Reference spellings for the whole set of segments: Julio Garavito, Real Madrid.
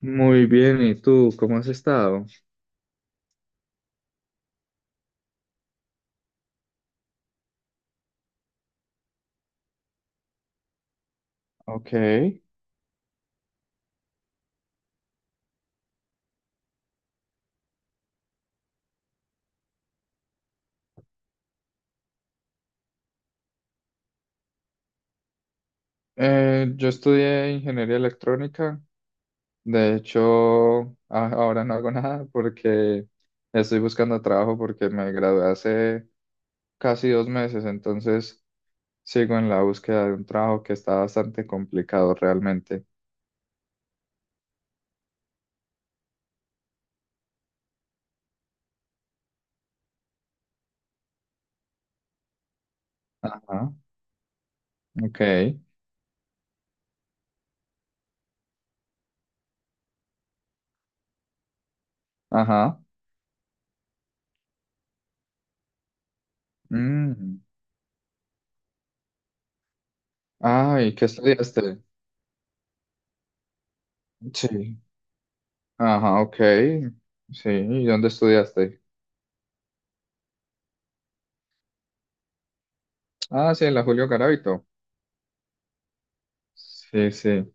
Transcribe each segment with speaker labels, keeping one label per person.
Speaker 1: Muy bien, ¿y tú cómo has estado? Ok. Yo estudié ingeniería electrónica. De hecho, ahora no hago nada porque estoy buscando trabajo porque me gradué hace casi dos meses, entonces sigo en la búsqueda de un trabajo que está bastante complicado realmente. Ajá. Ok. Ajá. Mm. Ah, ¿y qué estudiaste? Sí. Ajá, ok. Sí, ¿y dónde estudiaste? Ah, sí, en la Julio Garavito. Sí, sí.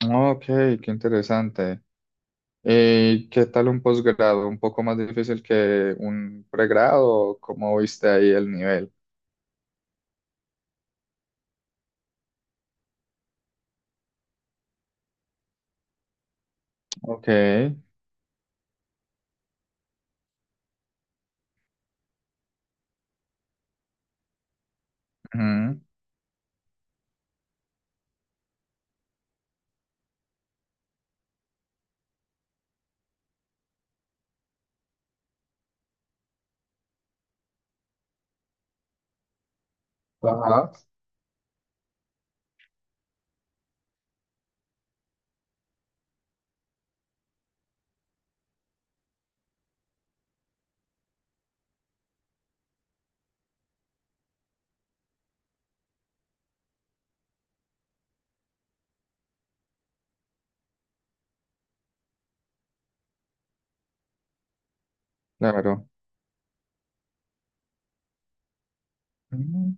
Speaker 1: Ah, ok, qué interesante. ¿Y qué tal un posgrado? ¿Un poco más difícil que un pregrado? ¿Cómo viste ahí el nivel? Ok. Ujú. Ajá. Claro. Ujú.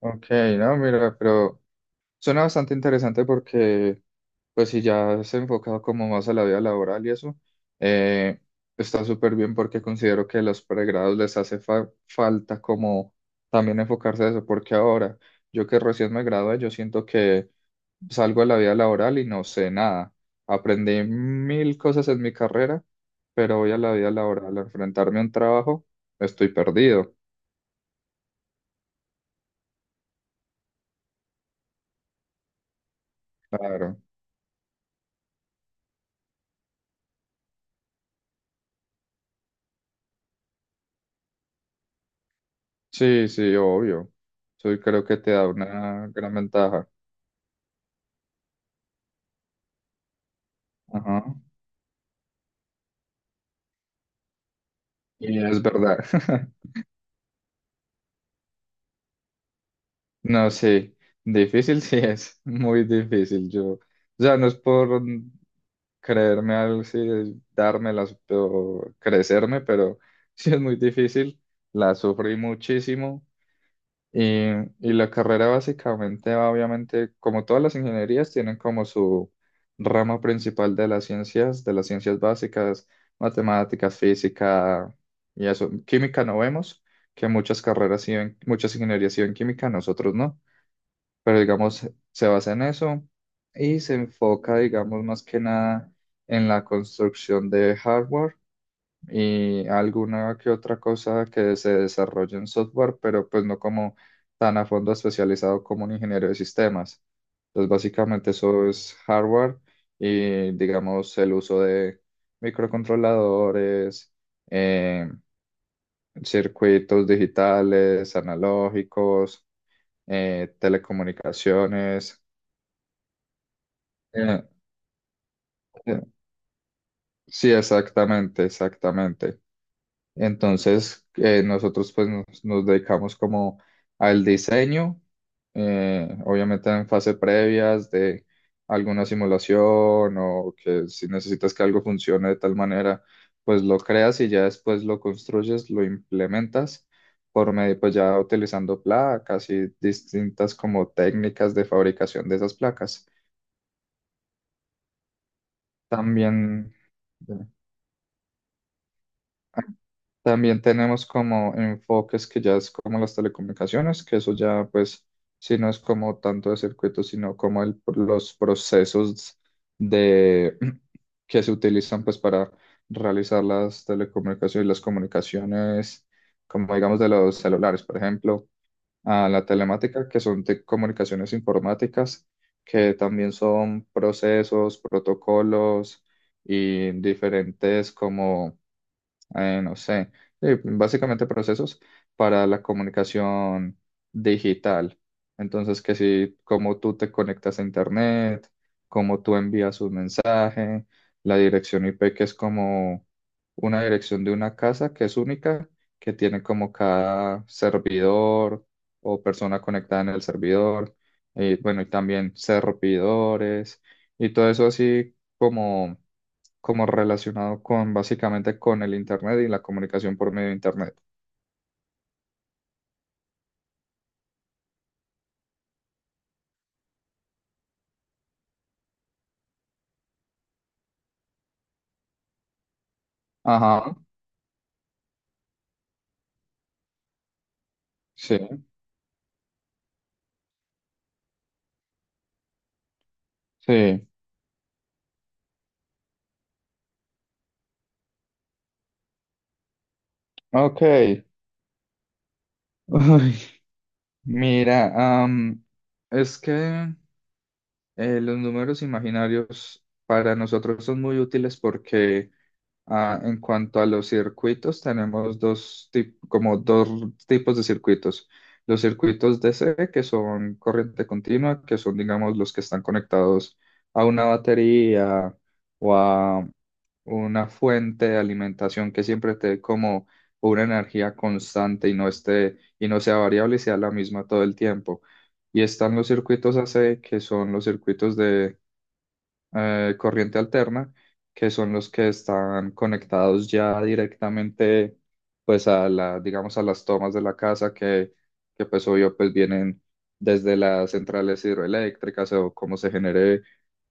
Speaker 1: Ok, no, mira, pero suena bastante interesante porque, pues si ya se ha enfocado como más a la vida laboral y eso, eh, está súper bien porque considero que a los pregrados les hace falta como también enfocarse a eso, porque ahora yo que recién me gradué, yo siento que salgo a la vida laboral y no sé nada. Aprendí mil cosas en mi carrera, pero voy a la vida laboral a enfrentarme a un trabajo, estoy perdido. Claro. Sí, sí, obvio. Eso creo que te da una gran ventaja. Ajá. Y es verdad. No, sí, difícil sí es, muy difícil. Yo, o sea, no es por creerme algo, sí, dármelas o crecerme, pero sí es muy difícil. La sufrí muchísimo. Y, y la carrera básicamente va, obviamente, como todas las ingenierías, tienen como su rama principal de las ciencias básicas, matemáticas, física y eso. Química no vemos, que muchas carreras siguen, muchas ingenierías siguen química, nosotros no, pero digamos, se basa en eso y se enfoca, digamos, más que nada en la construcción de hardware y alguna que otra cosa que se desarrolle en software, pero pues no como tan a fondo especializado como un ingeniero de sistemas. Entonces, básicamente eso es hardware y digamos el uso de microcontroladores, eh, circuitos digitales, analógicos, telecomunicaciones. Eh, eh, sí, exactamente, exactamente. Entonces, nosotros nos dedicamos como al diseño, obviamente en fase previas de alguna simulación o que si necesitas que algo funcione de tal manera, pues lo creas y ya después lo construyes, lo implementas por medio, pues ya utilizando placas y distintas como técnicas de fabricación de esas placas. También, eh, También tenemos como enfoques que ya es como las telecomunicaciones, que eso ya pues si no es como tanto de circuitos, sino como los procesos de que se utilizan pues para realizar las telecomunicaciones y las comunicaciones, como digamos de los celulares, por ejemplo, a la telemática, que son de comunicaciones informáticas, que también son procesos, protocolos y diferentes como no sé, básicamente procesos para la comunicación digital. Entonces, que si, cómo tú te conectas a Internet, cómo tú envías un mensaje, la dirección IP, que es como una dirección de una casa que es única, que tiene como cada servidor o persona conectada en el servidor, y bueno, y también servidores, y todo eso así como relacionado con básicamente con el Internet y la comunicación por medio de Internet. Ajá, sí, sí, ok. Ay, mira, es que los números imaginarios para nosotros son muy útiles porque ah, en cuanto a los circuitos, tenemos como dos tipos de circuitos. Los circuitos DC, que son corriente continua, que son, digamos, los que están conectados a una batería o a una fuente de alimentación que siempre te dé como una energía constante y no esté, y no sea variable y sea la misma todo el tiempo. Y están los circuitos AC, que son los circuitos de corriente alterna, que son los que están conectados ya directamente, pues a la, digamos, a las tomas de la casa que pues obvio, pues vienen desde las centrales hidroeléctricas o cómo se genere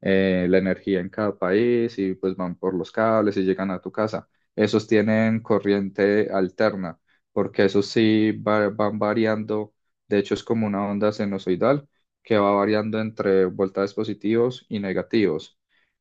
Speaker 1: la energía en cada país y pues van por los cables y llegan a tu casa. Esos tienen corriente alterna, porque esos sí van variando, de hecho es como una onda sinusoidal que va variando entre voltajes positivos y negativos.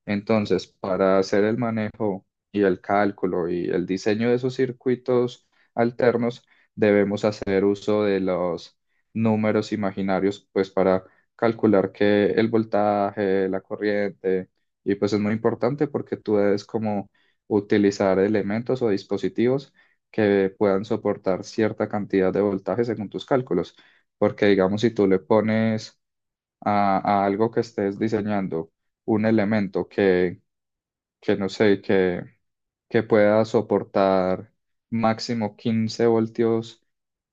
Speaker 1: Entonces, para hacer el manejo y el cálculo y el diseño de esos circuitos alternos, debemos hacer uso de los números imaginarios, pues para calcular que el voltaje, la corriente, y pues es muy importante porque tú debes como utilizar elementos o dispositivos que puedan soportar cierta cantidad de voltaje según tus cálculos, porque digamos si tú le pones a algo que estés diseñando, un elemento que no sé, que pueda soportar máximo 15 voltios,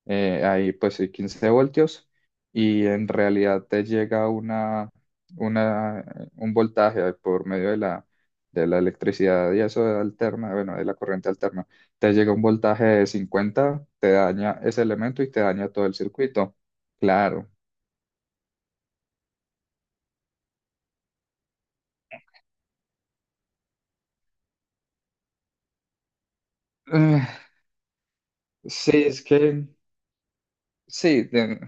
Speaker 1: ahí pues sí, 15 voltios, y en realidad te llega una, un voltaje por medio de de la electricidad y eso alterna, bueno, de la corriente alterna, te llega un voltaje de 50 te daña ese elemento y te daña todo el circuito. Claro. Eh, sí, es que sí, de-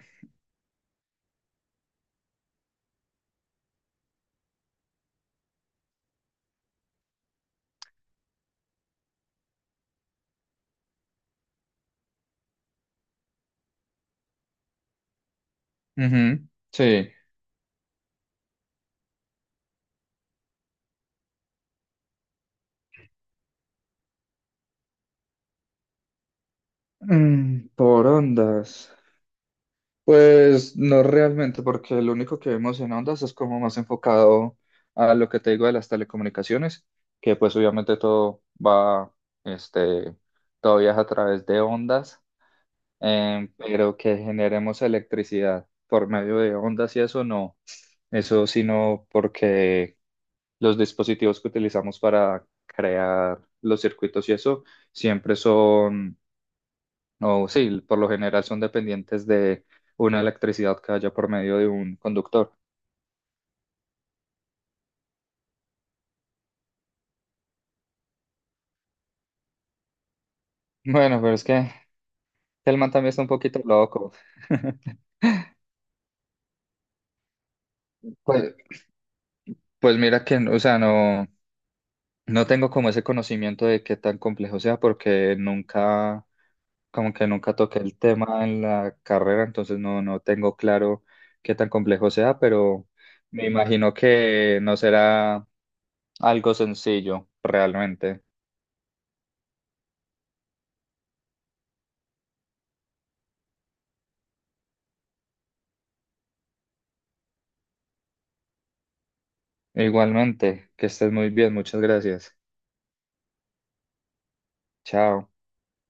Speaker 1: ujú, sí. Mm, por ondas. Pues no realmente, porque lo único que vemos en ondas es como más enfocado a lo que te digo de las telecomunicaciones, que pues obviamente todo va, este, todo viaja a través de ondas, pero que generemos electricidad por medio de ondas y eso no, eso sino porque los dispositivos que utilizamos para crear los circuitos y eso siempre son o sí, por lo general son dependientes de una electricidad que haya por medio de un conductor. Bueno, pero es que el man también está un poquito loco. Pues, pues mira que, o sea, no, no tengo como ese conocimiento de qué tan complejo sea porque nunca, como que nunca toqué el tema en la carrera, entonces no, no tengo claro qué tan complejo sea, pero me imagino que no será algo sencillo realmente. Igualmente, que estés muy bien, muchas gracias. Chao.